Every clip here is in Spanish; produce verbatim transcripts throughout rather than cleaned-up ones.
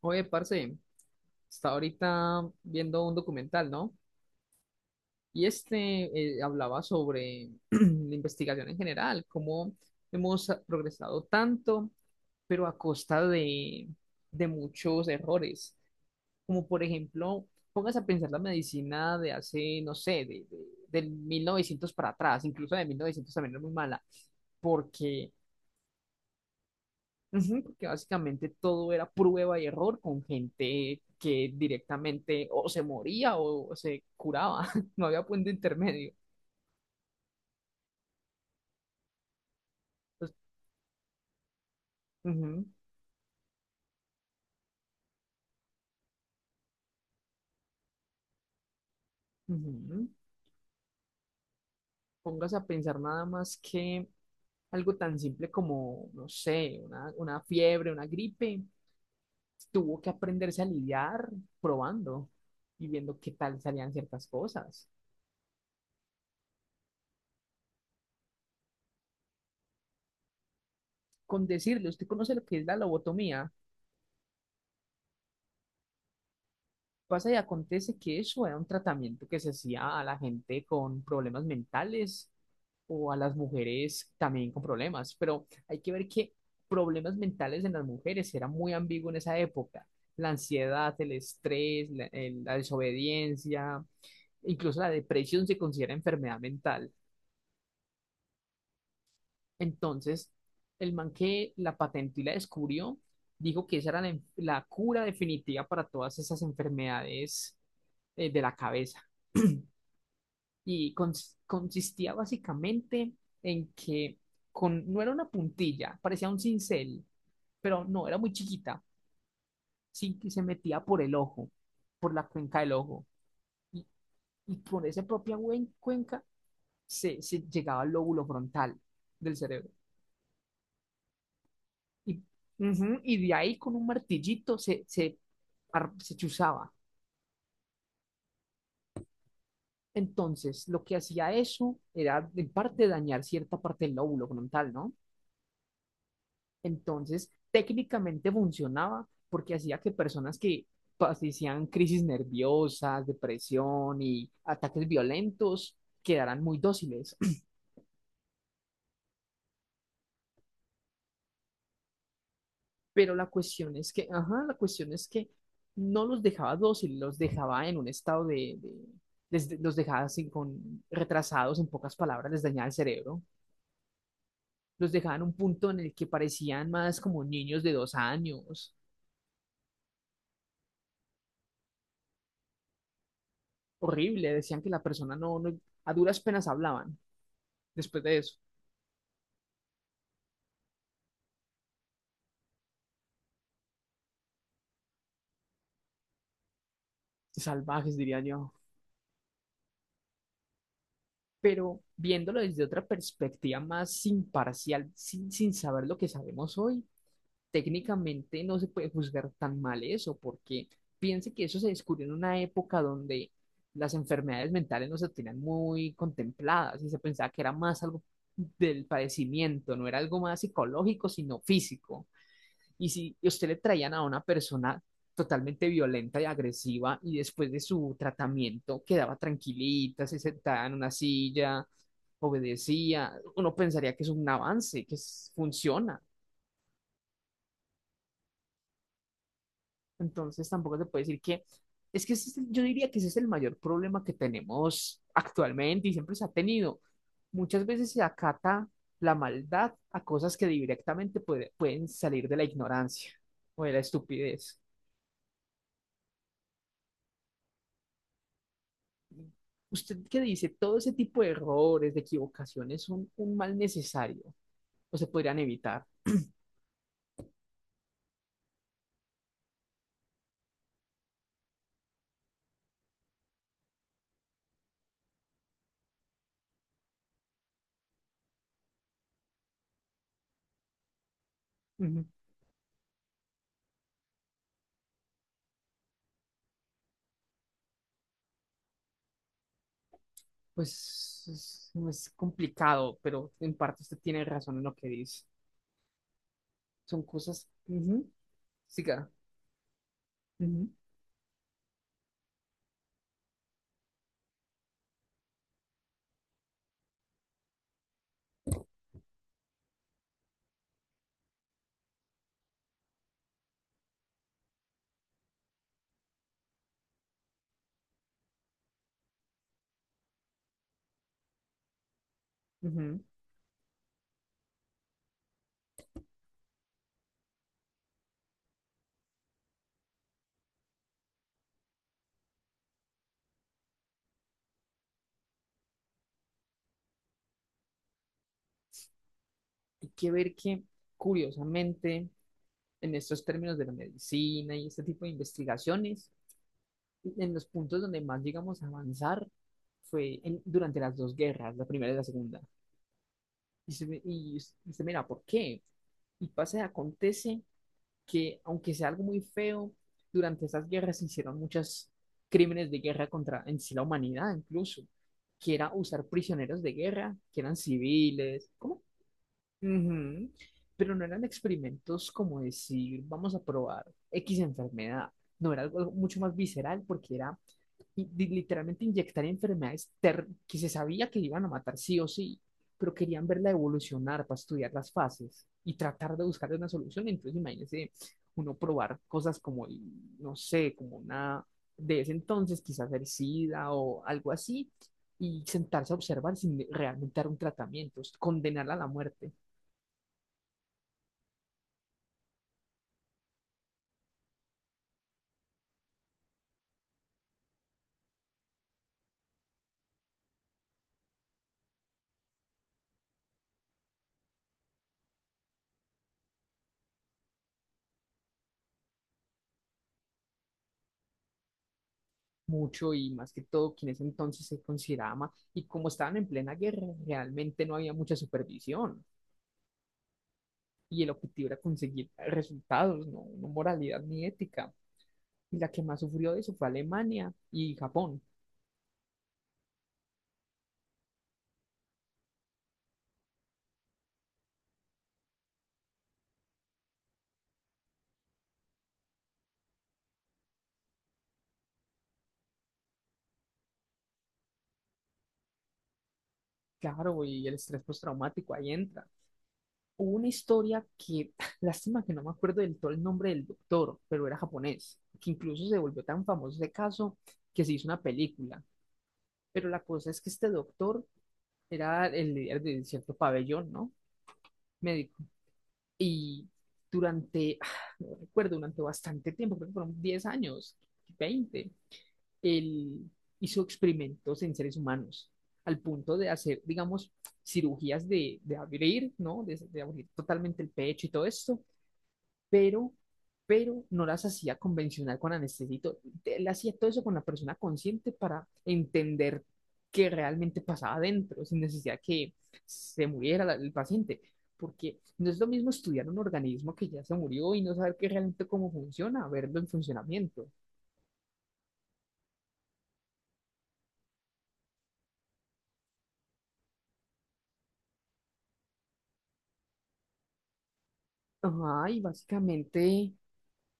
Oye, parce, está ahorita viendo un documental, ¿no? Y este eh, hablaba sobre la investigación en general, cómo hemos progresado tanto, pero a costa de, de muchos errores. Como por ejemplo, póngase a pensar la medicina de hace, no sé, de, de- del mil novecientos para atrás, incluso de mil novecientos también era muy mala. Porque Ujú. Porque básicamente todo era prueba y error con gente que directamente o se moría o se curaba, no había punto intermedio. Pues, ujú, ujú. Póngase a pensar nada más que algo tan simple como, no sé, una, una fiebre, una gripe, tuvo que aprenderse a lidiar probando y viendo qué tal salían ciertas cosas. Con decirle, ¿usted conoce lo que es la lobotomía? Pasa y acontece que eso era un tratamiento que se hacía a la gente con problemas mentales o a las mujeres también con problemas, pero hay que ver que problemas mentales en las mujeres era muy ambiguo en esa época. La ansiedad, el estrés, la, el- la desobediencia, incluso la depresión se considera enfermedad mental. Entonces, el man que la patentó y la descubrió, dijo que esa era la, la cura definitiva para todas esas enfermedades eh, de la cabeza. Y cons- consistía básicamente en que con, no era una puntilla, parecía un cincel, pero no, era muy chiquita, sí, que se metía por el ojo, por la cuenca del ojo, y, y por esa propia huen- cuenca se, se llegaba al lóbulo frontal del cerebro. Y, Ujú, y de ahí con un martillito se, se, ar- se chuzaba. Entonces, lo que hacía eso era, en parte, dañar cierta parte del lóbulo frontal, ¿no? Entonces, técnicamente funcionaba porque hacía que personas que padecían crisis nerviosas, depresión y ataques violentos quedaran muy dóciles. Pero la cuestión es que, ajá, la cuestión es que no los dejaba dóciles, los dejaba en un estado de, de- les- los dejaba así con retrasados, en pocas palabras, les dañaba el cerebro. Los dejaba en un punto en el que parecían más como niños de dos años. Horrible, decían que la persona no, no, a duras penas hablaban después de eso. Salvajes, diría yo. Pero viéndolo desde otra perspectiva más imparcial, sin, sin saber lo que sabemos hoy, técnicamente no se puede juzgar tan mal eso, porque piense que eso se descubrió en una época donde las enfermedades mentales no se tenían muy contempladas y se pensaba que era más algo del padecimiento, no era algo más psicológico, sino físico. Y si usted le traían a una persona totalmente violenta y agresiva y después de su tratamiento quedaba tranquilita, se sentaba en una silla, obedecía, uno pensaría que es un avance, que es- funciona. Entonces tampoco se puede decir que, es que ese es el- yo diría que ese es el mayor problema que tenemos actualmente y siempre se ha tenido. Muchas veces se acata la maldad a cosas que directamente puede- pueden salir de la ignorancia o de la estupidez. ¿Usted qué dice? Todo ese tipo de errores, de equivocaciones son un mal necesario o se podrían evitar. Ujú. Pues es, no es complicado, pero en parte usted tiene razón en lo que dice. Son cosas, ujú, siga, ujú, ujú. Hay que ver que, curiosamente, en estos términos de la medicina y este tipo de investigaciones, en los puntos donde más llegamos a avanzar fue en- durante las dos guerras, la primera y la segunda. Y se me- y usted mira, ¿por qué? Y pasa y acontece que, aunque sea algo muy feo, durante esas guerras se hicieron muchos crímenes de guerra contra en sí la humanidad, incluso, que era usar prisioneros de guerra, que eran civiles, ¿cómo? Ujú. Pero no eran experimentos como decir, vamos a probar X enfermedad. No, era algo mucho más visceral porque era y- di- literalmente inyectar enfermedades que se sabía que iban a matar sí o sí, pero querían verla evolucionar para estudiar las fases y tratar de buscar una solución. Entonces, imagínese uno probar cosas como, no sé, como una de ese entonces, quizás el SIDA o algo así, y sentarse a observar sin realmente dar un tratamiento, condenarla a la muerte mucho y más que todo quienes entonces se consideraban y como estaban en plena guerra, realmente no había mucha supervisión. Y el objetivo era conseguir resultados, no, no moralidad ni ética. Y la que más sufrió de eso fue Alemania y Japón. Claro, y el estrés postraumático ahí entra. Hubo una historia que, lástima que no me acuerdo del todo el nombre del doctor, pero era japonés, que incluso se volvió tan famoso ese caso que se hizo una película. Pero la cosa es que este doctor era el líder de cierto pabellón, ¿no? Médico. Y durante, no recuerdo, durante bastante tiempo, creo que fueron diez años, veinte. Él hizo experimentos en seres humanos al punto de hacer, digamos, cirugías de, de abrir, ¿no? De, de, abrir totalmente el pecho y todo esto, pero, pero no las hacía convencional con anestesia. Él hacía todo eso con la persona consciente para entender qué realmente pasaba adentro, sin necesidad que se muriera la, el paciente, porque no es lo mismo estudiar un organismo que ya se murió y no saber qué realmente cómo funciona, verlo en funcionamiento. Ajá, y básicamente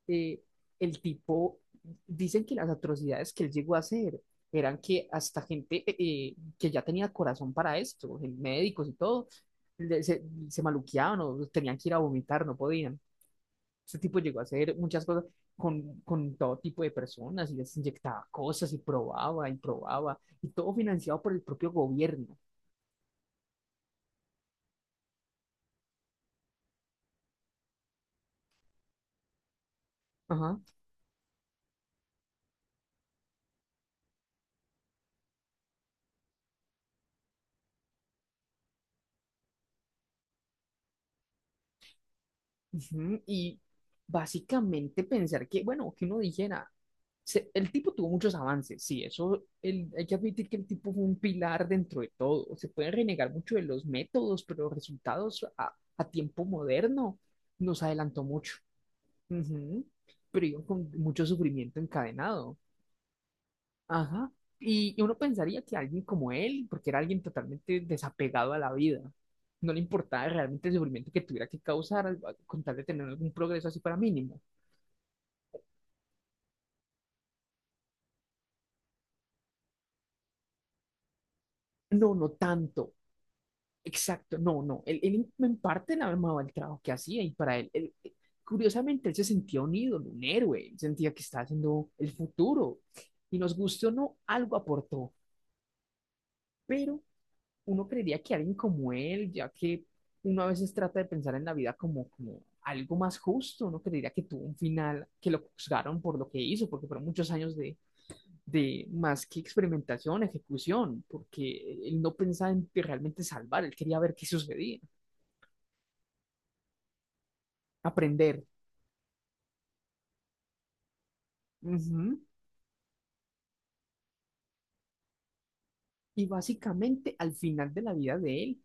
eh, el tipo, dicen que las atrocidades que él llegó a hacer eran que hasta gente eh, eh, que ya tenía corazón para esto, médicos y todo, le- se, se maluqueaban o tenían que ir a vomitar, no podían. Este tipo llegó a hacer muchas cosas con, con todo tipo de personas y les inyectaba cosas y probaba y probaba y todo financiado por el propio gobierno. Ajá. Ujú. Y básicamente pensar que, bueno, que uno dijera, se- el tipo tuvo muchos avances, sí, eso el- hay que admitir que el tipo fue un pilar dentro de todo. Se pueden renegar mucho de los métodos, pero los resultados a, a tiempo moderno nos adelantó mucho. Ujú. Pero iban con mucho sufrimiento encadenado. Ajá. Y, y uno pensaría que alguien como él, porque era alguien totalmente desapegado a la vida, no le importaba realmente el sufrimiento que tuviera que causar al- con tal de tener algún progreso así para mínimo. No, no tanto. Exacto, no, no, él, él en parte le amaba el trabajo que hacía y para él, él- él- curiosamente, él se sentía un ídolo, un héroe, él sentía que estaba haciendo el futuro y nos gustó o no, algo aportó, pero uno creería que alguien como él, ya que uno a veces trata de pensar en la vida como, como, algo más justo, uno creería que tuvo un final, que lo juzgaron por lo que hizo, porque fueron muchos años de, de más que experimentación, ejecución, porque él no pensaba en realmente salvar, él quería ver qué sucedía, aprender. Ujú. Y básicamente al final de la vida de él,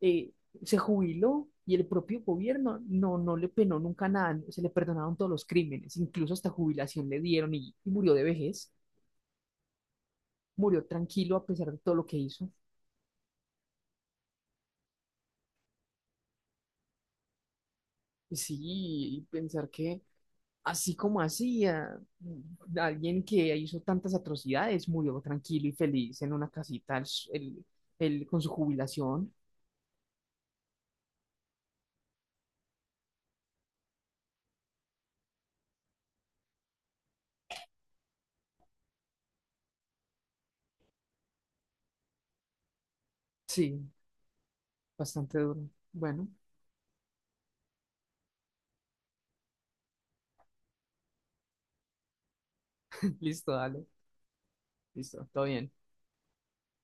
eh, se jubiló y el propio gobierno no, no le penó nunca nada, se le perdonaron todos los crímenes, incluso hasta jubilación le dieron y, y murió de vejez, murió tranquilo a pesar de todo lo que hizo. Sí, y pensar que así como hacía, mm, alguien que hizo tantas atrocidades murió tranquilo y feliz en una casita el- el- el- con su jubilación. Sí, bastante duro. Bueno, listo, dale, listo, todo bien.